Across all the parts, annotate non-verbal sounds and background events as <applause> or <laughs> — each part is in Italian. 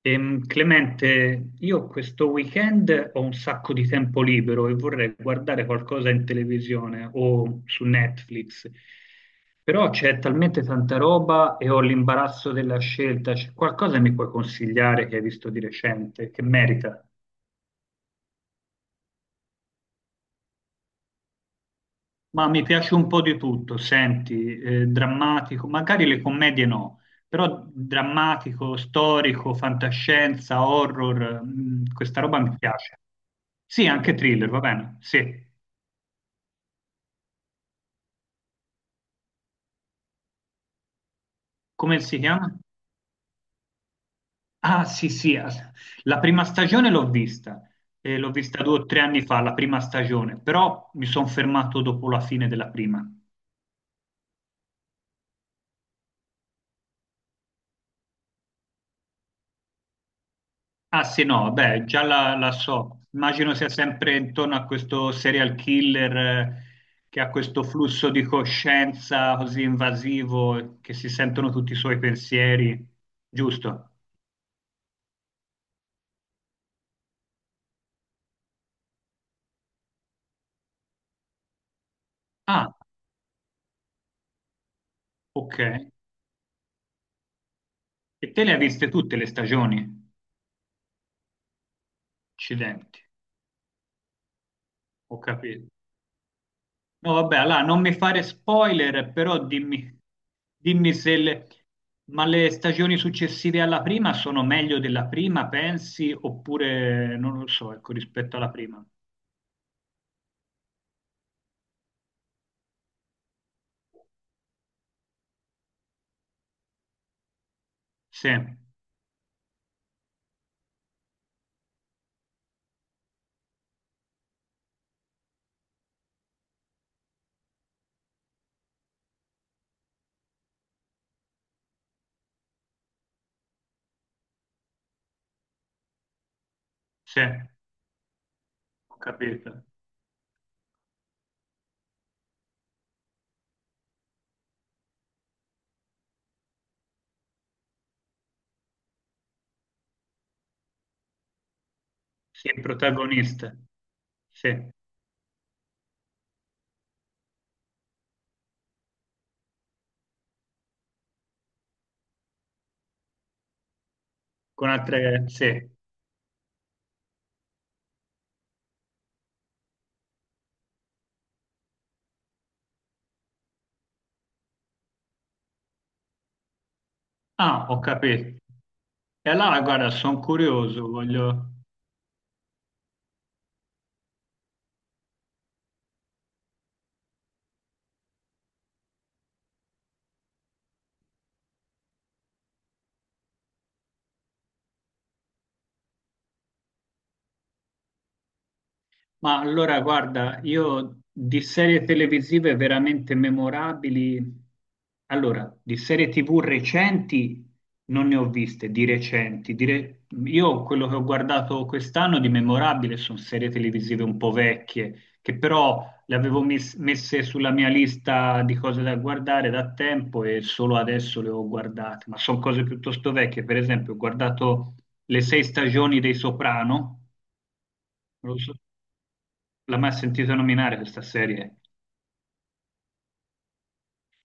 Clemente, io questo weekend ho un sacco di tempo libero e vorrei guardare qualcosa in televisione o su Netflix, però c'è talmente tanta roba e ho l'imbarazzo della scelta. C'è qualcosa che mi puoi consigliare che hai visto di recente, che merita? Ma mi piace un po' di tutto, senti, drammatico, magari le commedie no, però drammatico, storico, fantascienza, horror, questa roba mi piace. Sì, anche thriller, va bene. Sì. Come si chiama? Ah, sì, sì. La prima stagione l'ho vista. L'ho vista 2 o 3 anni fa, la prima stagione, però mi sono fermato dopo la fine della prima. Ah, sì, no, beh, già la so. Immagino sia sempre intorno a questo serial killer, che ha questo flusso di coscienza così invasivo, che si sentono tutti i suoi pensieri, giusto? Ah, ok. E te le hai viste tutte le stagioni? Accidenti. Ho capito. No, vabbè, allora non mi fare spoiler, però dimmi, dimmi se le, ma le stagioni successive alla prima sono meglio della prima, pensi, oppure non lo so, ecco, rispetto alla prima. Sì, sì, ho capito. Sì, il protagonista. Sì, con altre. Sì. Ah, ho capito. E allora, guarda, sono curioso, voglio. Ma allora, guarda, io di serie televisive veramente memorabili, allora, di serie TV recenti non ne ho viste, di recenti. Io quello che ho guardato quest'anno di memorabile sono serie televisive un po' vecchie, che però le avevo messe sulla mia lista di cose da guardare da tempo e solo adesso le ho guardate, ma sono cose piuttosto vecchie. Per esempio, ho guardato le sei stagioni dei Soprano. L'ha mai sentito nominare questa serie?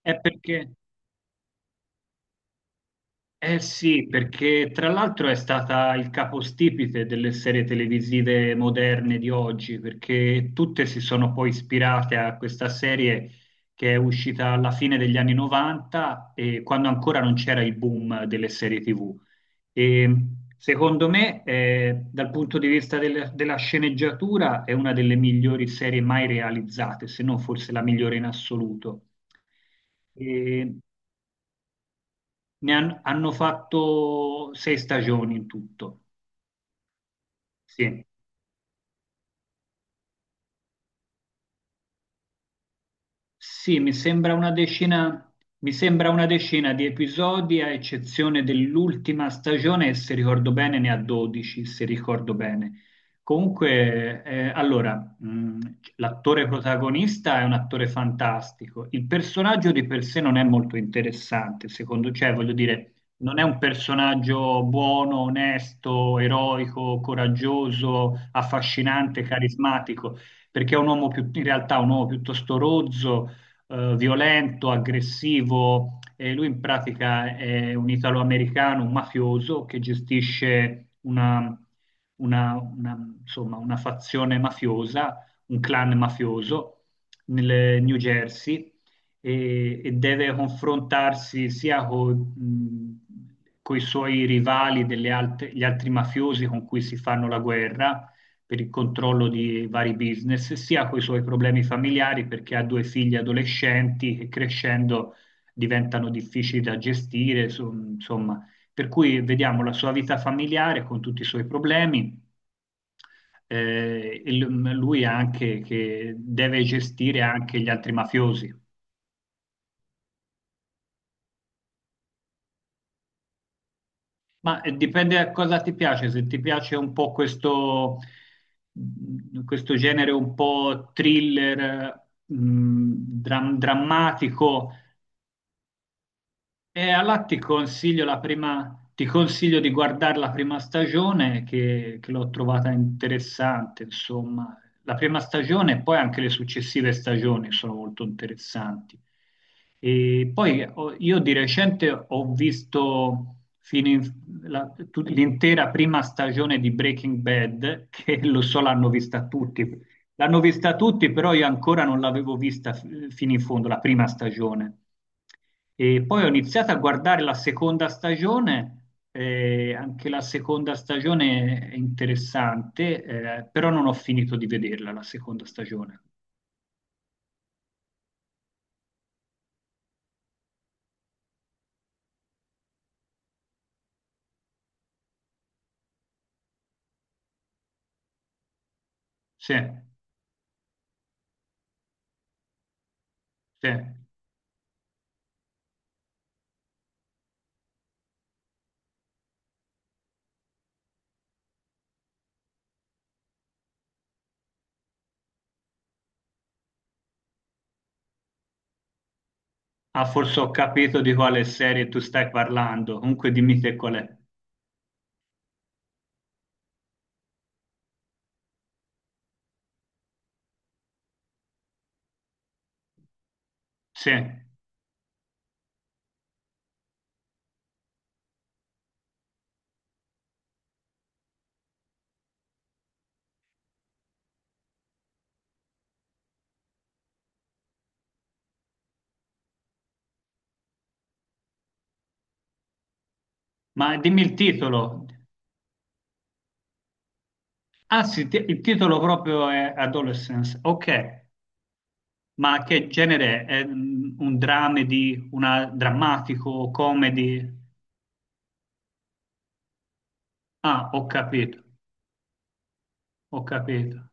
È perché, Eh sì, perché tra l'altro è stata il capostipite delle serie televisive moderne di oggi, perché tutte si sono poi ispirate a questa serie che è uscita alla fine degli anni 90 e quando ancora non c'era il boom delle serie TV. E secondo me, dal punto di vista della sceneggiatura, è una delle migliori serie mai realizzate, se non forse la migliore in assoluto. Ne hanno fatto sei stagioni in tutto. Sì. Sì, mi sembra una decina di episodi, a eccezione dell'ultima stagione, e se ricordo bene ne ha 12, se ricordo bene. Comunque, allora, l'attore protagonista è un attore fantastico. Il personaggio di per sé non è molto interessante, secondo, cioè, voglio dire, non è un personaggio buono, onesto, eroico, coraggioso, affascinante, carismatico, perché è un uomo in realtà è un uomo piuttosto rozzo, violento, aggressivo. E lui in pratica è un italo-americano, un mafioso che gestisce una, insomma, una fazione mafiosa, un clan mafioso nel New Jersey e deve confrontarsi sia con i suoi rivali, gli altri mafiosi con cui si fanno la guerra, per il controllo di vari business, sia con i suoi problemi familiari perché ha due figli adolescenti che crescendo diventano difficili da gestire, insomma, per cui vediamo la sua vita familiare con tutti i suoi problemi. E lui anche che deve gestire anche gli altri mafiosi. Ma dipende da cosa ti piace, se ti piace un po' questo, questo genere un po' thriller, drammatico. E allora ti consiglio la prima, ti consiglio di guardare la prima stagione che l'ho trovata interessante, insomma. La prima stagione e poi anche le successive stagioni sono molto interessanti. E poi io di recente ho visto fino in- la- tut- l'intera prima stagione di Breaking Bad, <laughs> che lo so l'hanno vista tutti. L'hanno vista tutti, però io ancora non l'avevo vista fino in fondo, la prima stagione. E poi ho iniziato a guardare la seconda stagione, anche la seconda stagione è interessante, però non ho finito di vederla la seconda stagione. Sì, sì. Ah, forse ho capito di quale serie tu stai parlando, comunque dimmi te qual è. Sì, ma dimmi il titolo. Ah sì, il titolo proprio è Adolescence, ok. Ma che genere è? È un dramedy, una drammatico, comedy? Ah, ho capito. Ho capito.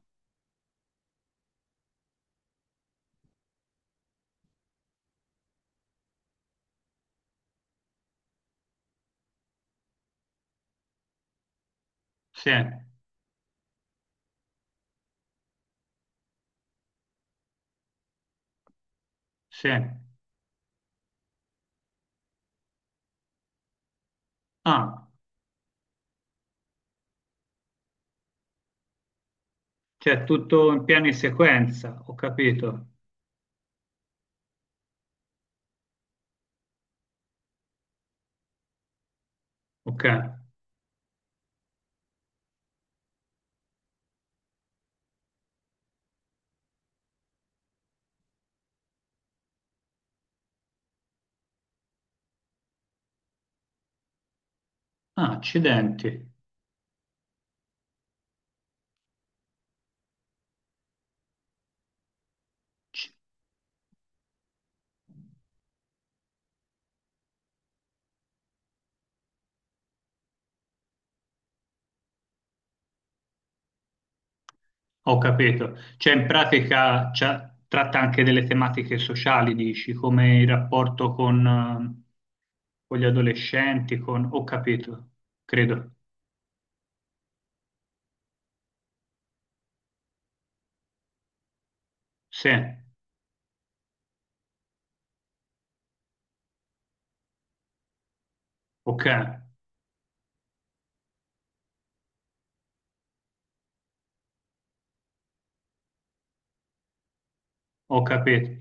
Sì, sì. Ah, cioè tutto in piano in sequenza, ho capito. Ok. Ah, accidenti. C- Ho capito. Cioè in pratica tratta anche delle tematiche sociali, dici, come il rapporto con gli adolescenti, con. Ho capito, credo. Sì, ok, ho capito.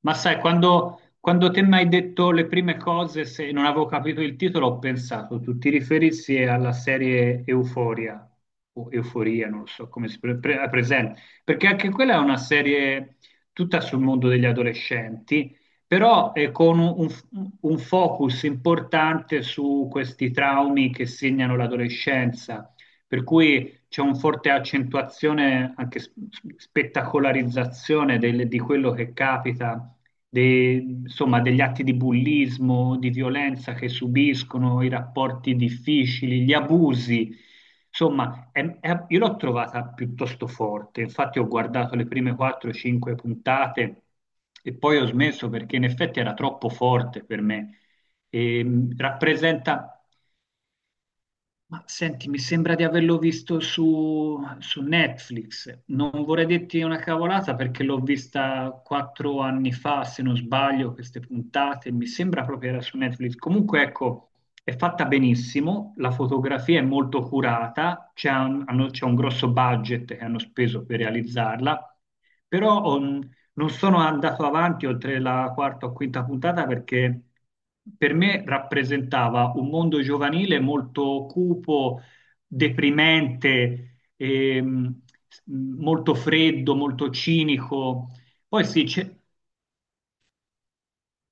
Ma sai, quando te mi hai detto le prime cose, se non avevo capito il titolo, ho pensato, tu ti riferissi alla serie Euforia, o Euforia, non so come si presenta, perché anche quella è una serie tutta sul mondo degli adolescenti, però con un, un focus importante su questi traumi che segnano l'adolescenza, per cui c'è un forte accentuazione, anche spettacolarizzazione di quello che capita, de- insomma, degli atti di bullismo, di violenza che subiscono, i rapporti difficili, gli abusi. Insomma, io l'ho trovata piuttosto forte, infatti ho guardato le prime 4-5 puntate e poi ho smesso perché in effetti era troppo forte per me. E, rappresenta. Ma senti, mi sembra di averlo visto su, Netflix. Non vorrei dirti una cavolata perché l'ho vista 4 anni fa, se non sbaglio, queste puntate. Mi sembra proprio era su Netflix. Comunque, ecco, è fatta benissimo, la fotografia è molto curata, c'è un grosso budget che hanno speso per realizzarla, però oh, non sono andato avanti oltre la quarta o quinta puntata perché per me rappresentava un mondo giovanile molto cupo, deprimente, molto freddo, molto cinico. Poi sì, c'è-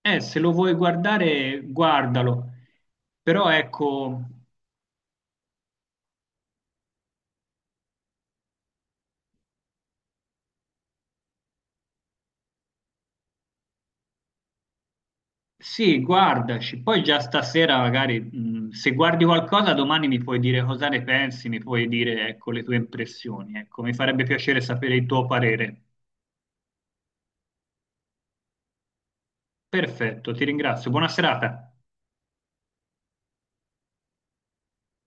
eh, se lo vuoi guardare, guardalo. Però ecco. Sì, guardaci, poi già stasera magari se guardi qualcosa domani mi puoi dire cosa ne pensi, mi puoi dire ecco, le tue impressioni, ecco, mi farebbe piacere sapere il tuo parere. Perfetto, ti ringrazio, buona serata.